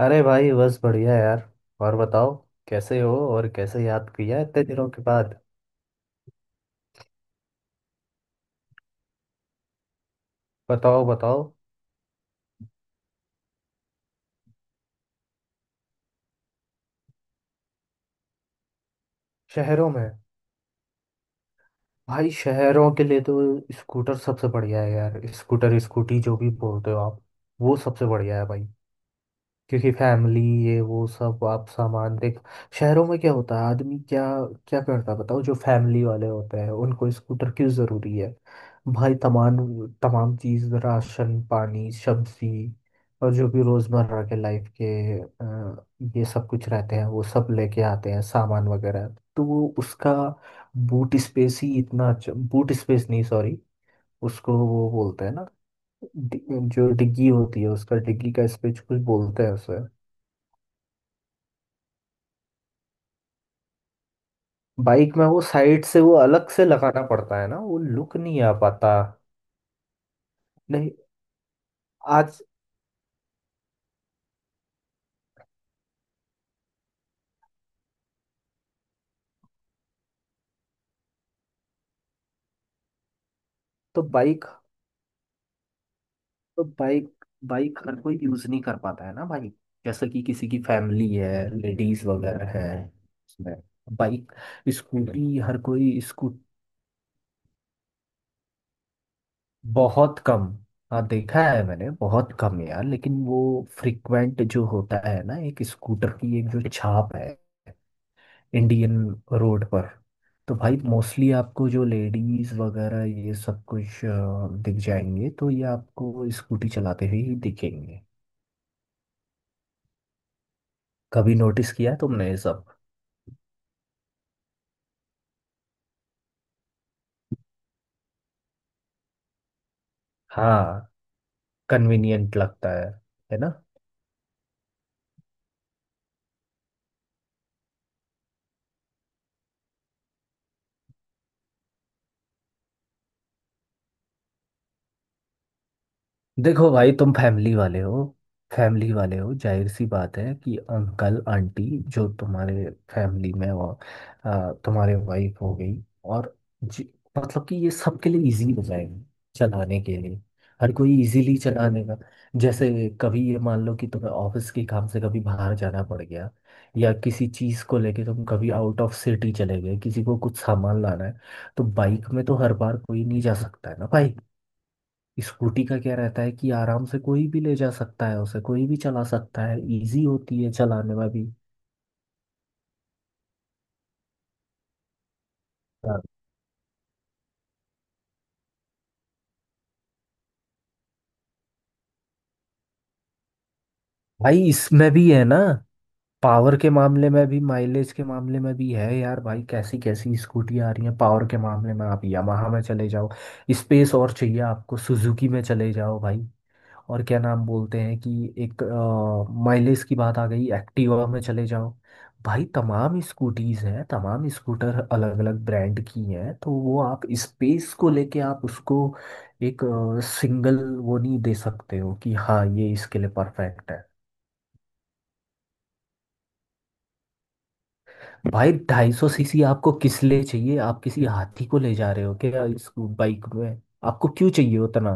अरे भाई बस बढ़िया यार। और बताओ। कैसे हो और कैसे याद किया इतने दिनों के बाद? बताओ बताओ। शहरों में? भाई शहरों के लिए तो स्कूटर सबसे बढ़िया है यार, स्कूटर स्कूटी जो भी बोलते हो आप, वो सबसे बढ़िया है भाई। क्योंकि फैमिली, ये वो सब आप सामान देख। शहरों में क्या होता है, आदमी क्या क्या करता है बताओ। जो फैमिली वाले होते हैं उनको स्कूटर क्यों ज़रूरी है? भाई तमाम तमाम चीज़, राशन पानी सब्जी, और जो भी रोज़मर्रा के लाइफ के ये सब कुछ रहते हैं, वो सब लेके आते हैं सामान वगैरह। तो वो उसका बूट स्पेस ही इतना अच्छा, बूट स्पेस नहीं सॉरी। उसको वो बोलते हैं ना, जो डिग्गी होती है, उसका डिग्गी का स्पेस, कुछ बोलते हैं उसे। बाइक में वो साइड से वो अलग से लगाना पड़ता है ना, वो लुक नहीं आ पाता। नहीं, आज तो बाइक तो बाइक बाइक हर कोई यूज नहीं कर पाता है ना भाई। जैसे कि किसी की फैमिली है, लेडीज वगैरह है उसमें। बाइक, स्कूटी हर कोई स्कूट बहुत कम। हाँ, देखा है मैंने बहुत कम यार, लेकिन वो फ्रिक्वेंट जो होता है ना, एक स्कूटर की एक जो छाप है इंडियन रोड पर। तो भाई मोस्टली आपको जो लेडीज वगैरह ये सब कुछ दिख जाएंगे, तो ये आपको स्कूटी चलाते हुए ही दिखेंगे। कभी नोटिस किया तुमने ये सब? हाँ, कन्वीनियंट लगता है ना। देखो भाई, तुम फैमिली वाले हो। फैमिली वाले हो, जाहिर सी बात है कि अंकल आंटी जो तुम्हारे फैमिली में हो, तुम्हारे वाइफ हो गई, और जी, मतलब कि ये सबके लिए इजी हो जाएगा चलाने के लिए। हर कोई इजीली चला लेगा। जैसे कभी ये मान लो कि तुम्हें ऑफिस के काम से कभी बाहर जाना पड़ गया, या किसी चीज़ को लेके तुम कभी आउट ऑफ सिटी चले गए, किसी को कुछ सामान लाना है, तो बाइक में तो हर बार कोई नहीं जा सकता है ना भाई। स्कूटी का क्या रहता है कि आराम से कोई भी ले जा सकता है उसे, कोई भी चला सकता है, इजी होती है चलाने में भी। हाँ। भाई इसमें भी है ना, पावर के मामले में भी, माइलेज के मामले में भी है यार। भाई कैसी कैसी स्कूटी आ रही है, पावर के मामले में आप यामाहा में चले जाओ, स्पेस और चाहिए आपको सुजुकी में चले जाओ भाई। और क्या नाम बोलते हैं, कि एक माइलेज की बात आ गई, एक्टिवा में चले जाओ। भाई तमाम स्कूटीज हैं, तमाम स्कूटर अलग अलग ब्रांड की हैं, तो वो आप स्पेस को लेके आप उसको एक सिंगल वो नहीं दे सकते हो कि हाँ ये इसके लिए परफेक्ट है। भाई 250 सीसी आपको किस लिए चाहिए, आप किसी हाथी को ले जा रहे हो क्या इस बाइक में? आपको क्यों चाहिए उतना?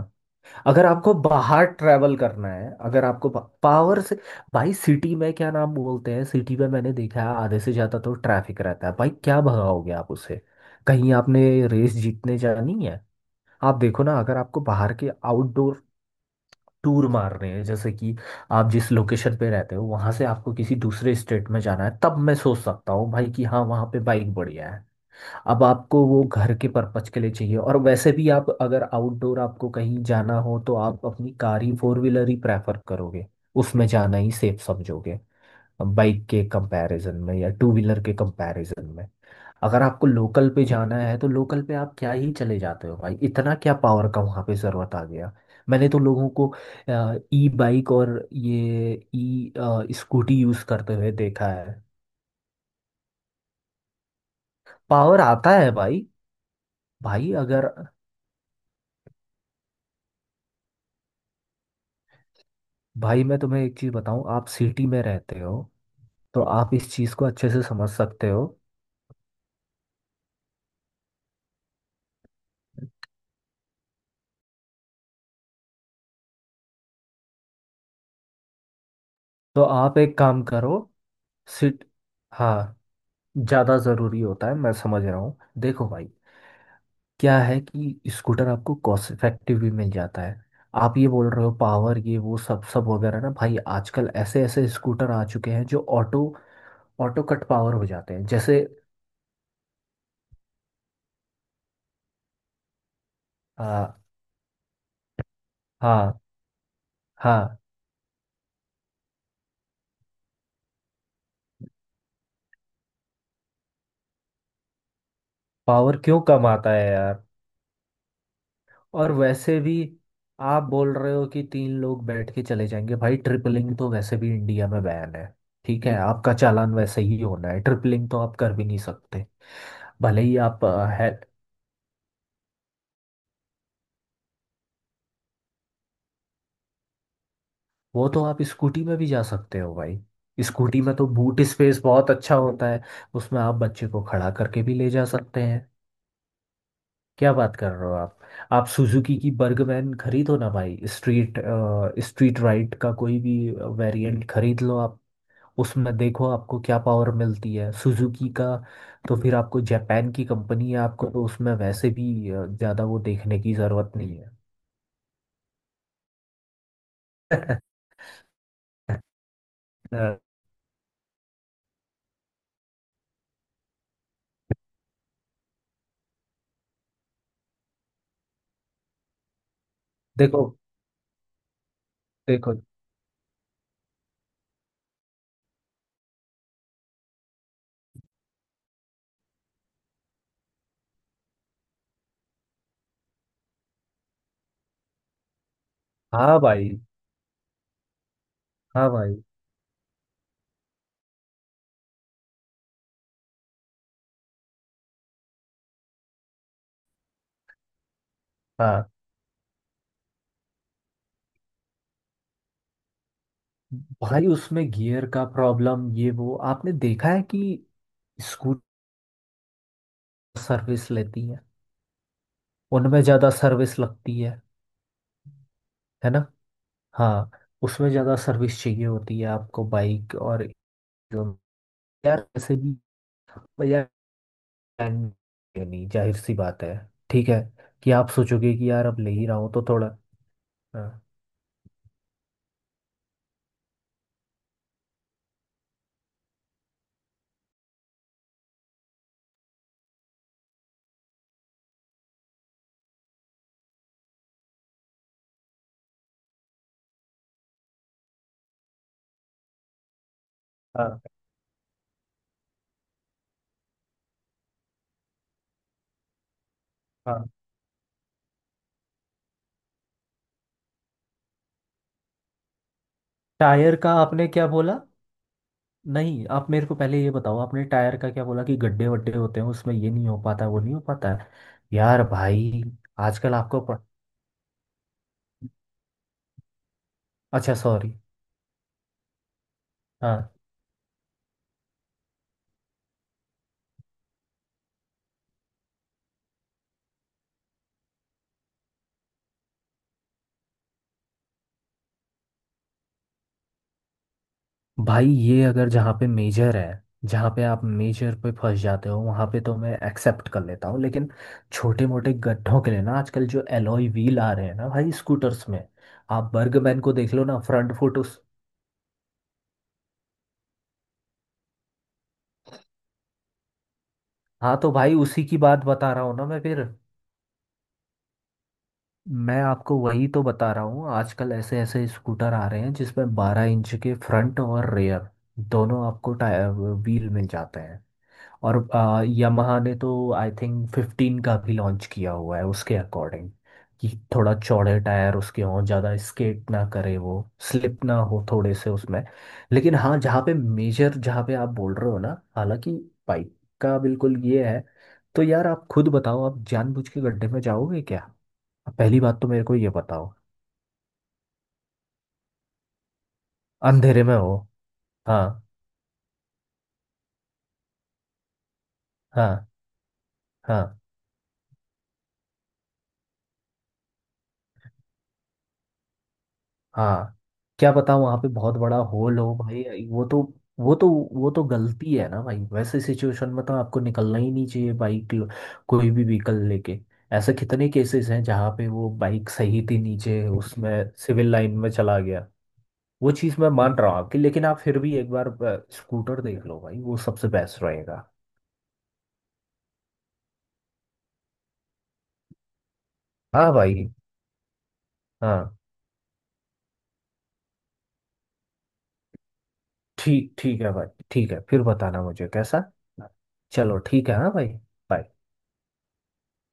अगर आपको बाहर ट्रैवल करना है, अगर आपको पावर से। भाई सिटी में क्या नाम बोलते हैं, सिटी में मैंने देखा है आधे से ज़्यादा तो ट्रैफिक रहता है भाई, क्या भगाओगे आप उसे, कहीं आपने रेस जीतने जानी है? आप देखो ना, अगर आपको बाहर के आउटडोर टूर मारने हैं, जैसे कि आप जिस लोकेशन पे रहते हो वहां से आपको किसी दूसरे स्टेट में जाना है, तब मैं सोच सकता हूँ भाई कि हाँ, वहां पे बाइक बढ़िया है। अब आपको वो घर के पर्पज के लिए चाहिए, और वैसे भी आप अगर आउटडोर आपको कहीं जाना हो तो आप अपनी कार ही, फोर व्हीलर ही प्रेफर करोगे। उसमें जाना ही सेफ समझोगे, बाइक के कंपैरिजन में या टू व्हीलर के कंपैरिजन में। अगर आपको लोकल पे जाना है तो लोकल पे आप क्या ही चले जाते हो भाई, इतना क्या पावर का वहाँ पे ज़रूरत आ गया। मैंने तो लोगों को ई बाइक और ये ई स्कूटी यूज़ करते हुए देखा है। पावर आता है भाई। भाई अगर, भाई मैं तुम्हें एक चीज़ बताऊं, आप सिटी में रहते हो तो आप इस चीज़ को अच्छे से समझ सकते हो। तो आप एक काम करो सिट हाँ, ज़्यादा ज़रूरी होता है, मैं समझ रहा हूँ। देखो भाई, क्या है कि स्कूटर आपको कॉस्ट इफेक्टिव भी मिल जाता है। आप ये बोल रहे हो पावर ये वो सब सब वगैरह ना, भाई आजकल ऐसे ऐसे स्कूटर आ चुके हैं जो ऑटो ऑटो कट पावर हो जाते हैं, जैसे आ, हाँ हाँ। पावर क्यों कम आता है यार? और वैसे भी आप बोल रहे हो कि तीन लोग बैठ के चले जाएंगे, भाई ट्रिपलिंग तो वैसे भी इंडिया में बैन है। ठीक है, आपका चालान वैसे ही होना है, ट्रिपलिंग तो आप कर भी नहीं सकते। भले ही आप है। वो तो आप स्कूटी में भी जा सकते हो भाई। स्कूटी में तो बूट स्पेस बहुत अच्छा होता है, उसमें आप बच्चे को खड़ा करके भी ले जा सकते हैं, क्या बात कर रहे हो आप? आप सुजुकी की बर्गमैन खरीदो ना भाई, स्ट्रीट स्ट्रीट राइड का कोई भी वेरिएंट खरीद लो आप। उसमें देखो आपको क्या पावर मिलती है सुजुकी का, तो फिर आपको जापान की कंपनी है, आपको तो उसमें वैसे भी ज़्यादा वो देखने की ज़रूरत नहीं है। अ, देखो देखो। हाँ भाई, हाँ भाई, हाँ भाई। उसमें गियर का प्रॉब्लम ये वो आपने देखा है कि स्कूटर सर्विस लेती है, उनमें ज़्यादा सर्विस लगती है ना। हाँ, उसमें ज़्यादा सर्विस चाहिए होती है आपको बाइक, और जो- यार ऐसे भी प्लान नहीं। जाहिर सी बात है, ठीक है, कि आप सोचोगे कि यार अब ले ही रहा हूँ तो थोड़ा। हाँ हाँ हाँ। टायर का आपने क्या बोला? नहीं, आप मेरे को पहले ये बताओ, आपने टायर का क्या बोला, कि गड्ढे वड्ढे होते हैं उसमें ये नहीं हो पाता वो नहीं हो पाता है। यार भाई, आजकल आपको अच्छा सॉरी, हाँ। भाई ये अगर जहाँ पे मेजर है, जहाँ पे आप मेजर पे फंस जाते हो वहाँ पे तो मैं एक्सेप्ट कर लेता हूँ, लेकिन छोटे मोटे गड्ढों के लिए ना, आजकल जो एलॉय व्हील आ रहे हैं ना भाई स्कूटर्स में, आप बर्गमैन को देख लो ना, फ्रंट फुट उस हाँ, तो भाई उसी की बात बता रहा हूँ ना मैं फिर, मैं आपको वही तो बता रहा हूँ। आजकल ऐसे ऐसे स्कूटर आ रहे हैं जिसमें 12 इंच के फ्रंट और रेयर दोनों आपको टायर व्हील मिल जाते हैं। और यामाहा ने तो आई थिंक 15 का भी लॉन्च किया हुआ है उसके अकॉर्डिंग, कि थोड़ा चौड़े टायर उसके हों, ज़्यादा स्केट ना करे वो, स्लिप ना हो थोड़े से उसमें। लेकिन हाँ, जहाँ पे मेजर जहाँ पे आप बोल रहे हो ना, हालांकि बाइक का बिल्कुल ये है। तो यार आप खुद बताओ, आप जानबूझ के गड्ढे में जाओगे क्या? पहली बात तो मेरे को ये बताओ। अंधेरे में हो? हाँ। हाँ। हाँ। हाँ। क्या पता वहां पे बहुत बड़ा होल हो भाई, वो तो वो तो गलती है ना भाई, वैसे सिचुएशन में तो आपको निकलना ही नहीं चाहिए, कोई भी व्हीकल लेके। ऐसे कितने केसेस हैं जहाँ पे वो बाइक सही थी नीचे उसमें, सिविल लाइन में चला गया। वो चीज़ मैं मान रहा हूँ आपकी, लेकिन आप फिर भी एक बार स्कूटर देख लो भाई, वो सबसे बेस्ट रहेगा। हाँ भाई। हाँ, ठीक, ठीक है भाई, ठीक है, फिर बताना मुझे कैसा। चलो ठीक है, हाँ भाई, bye।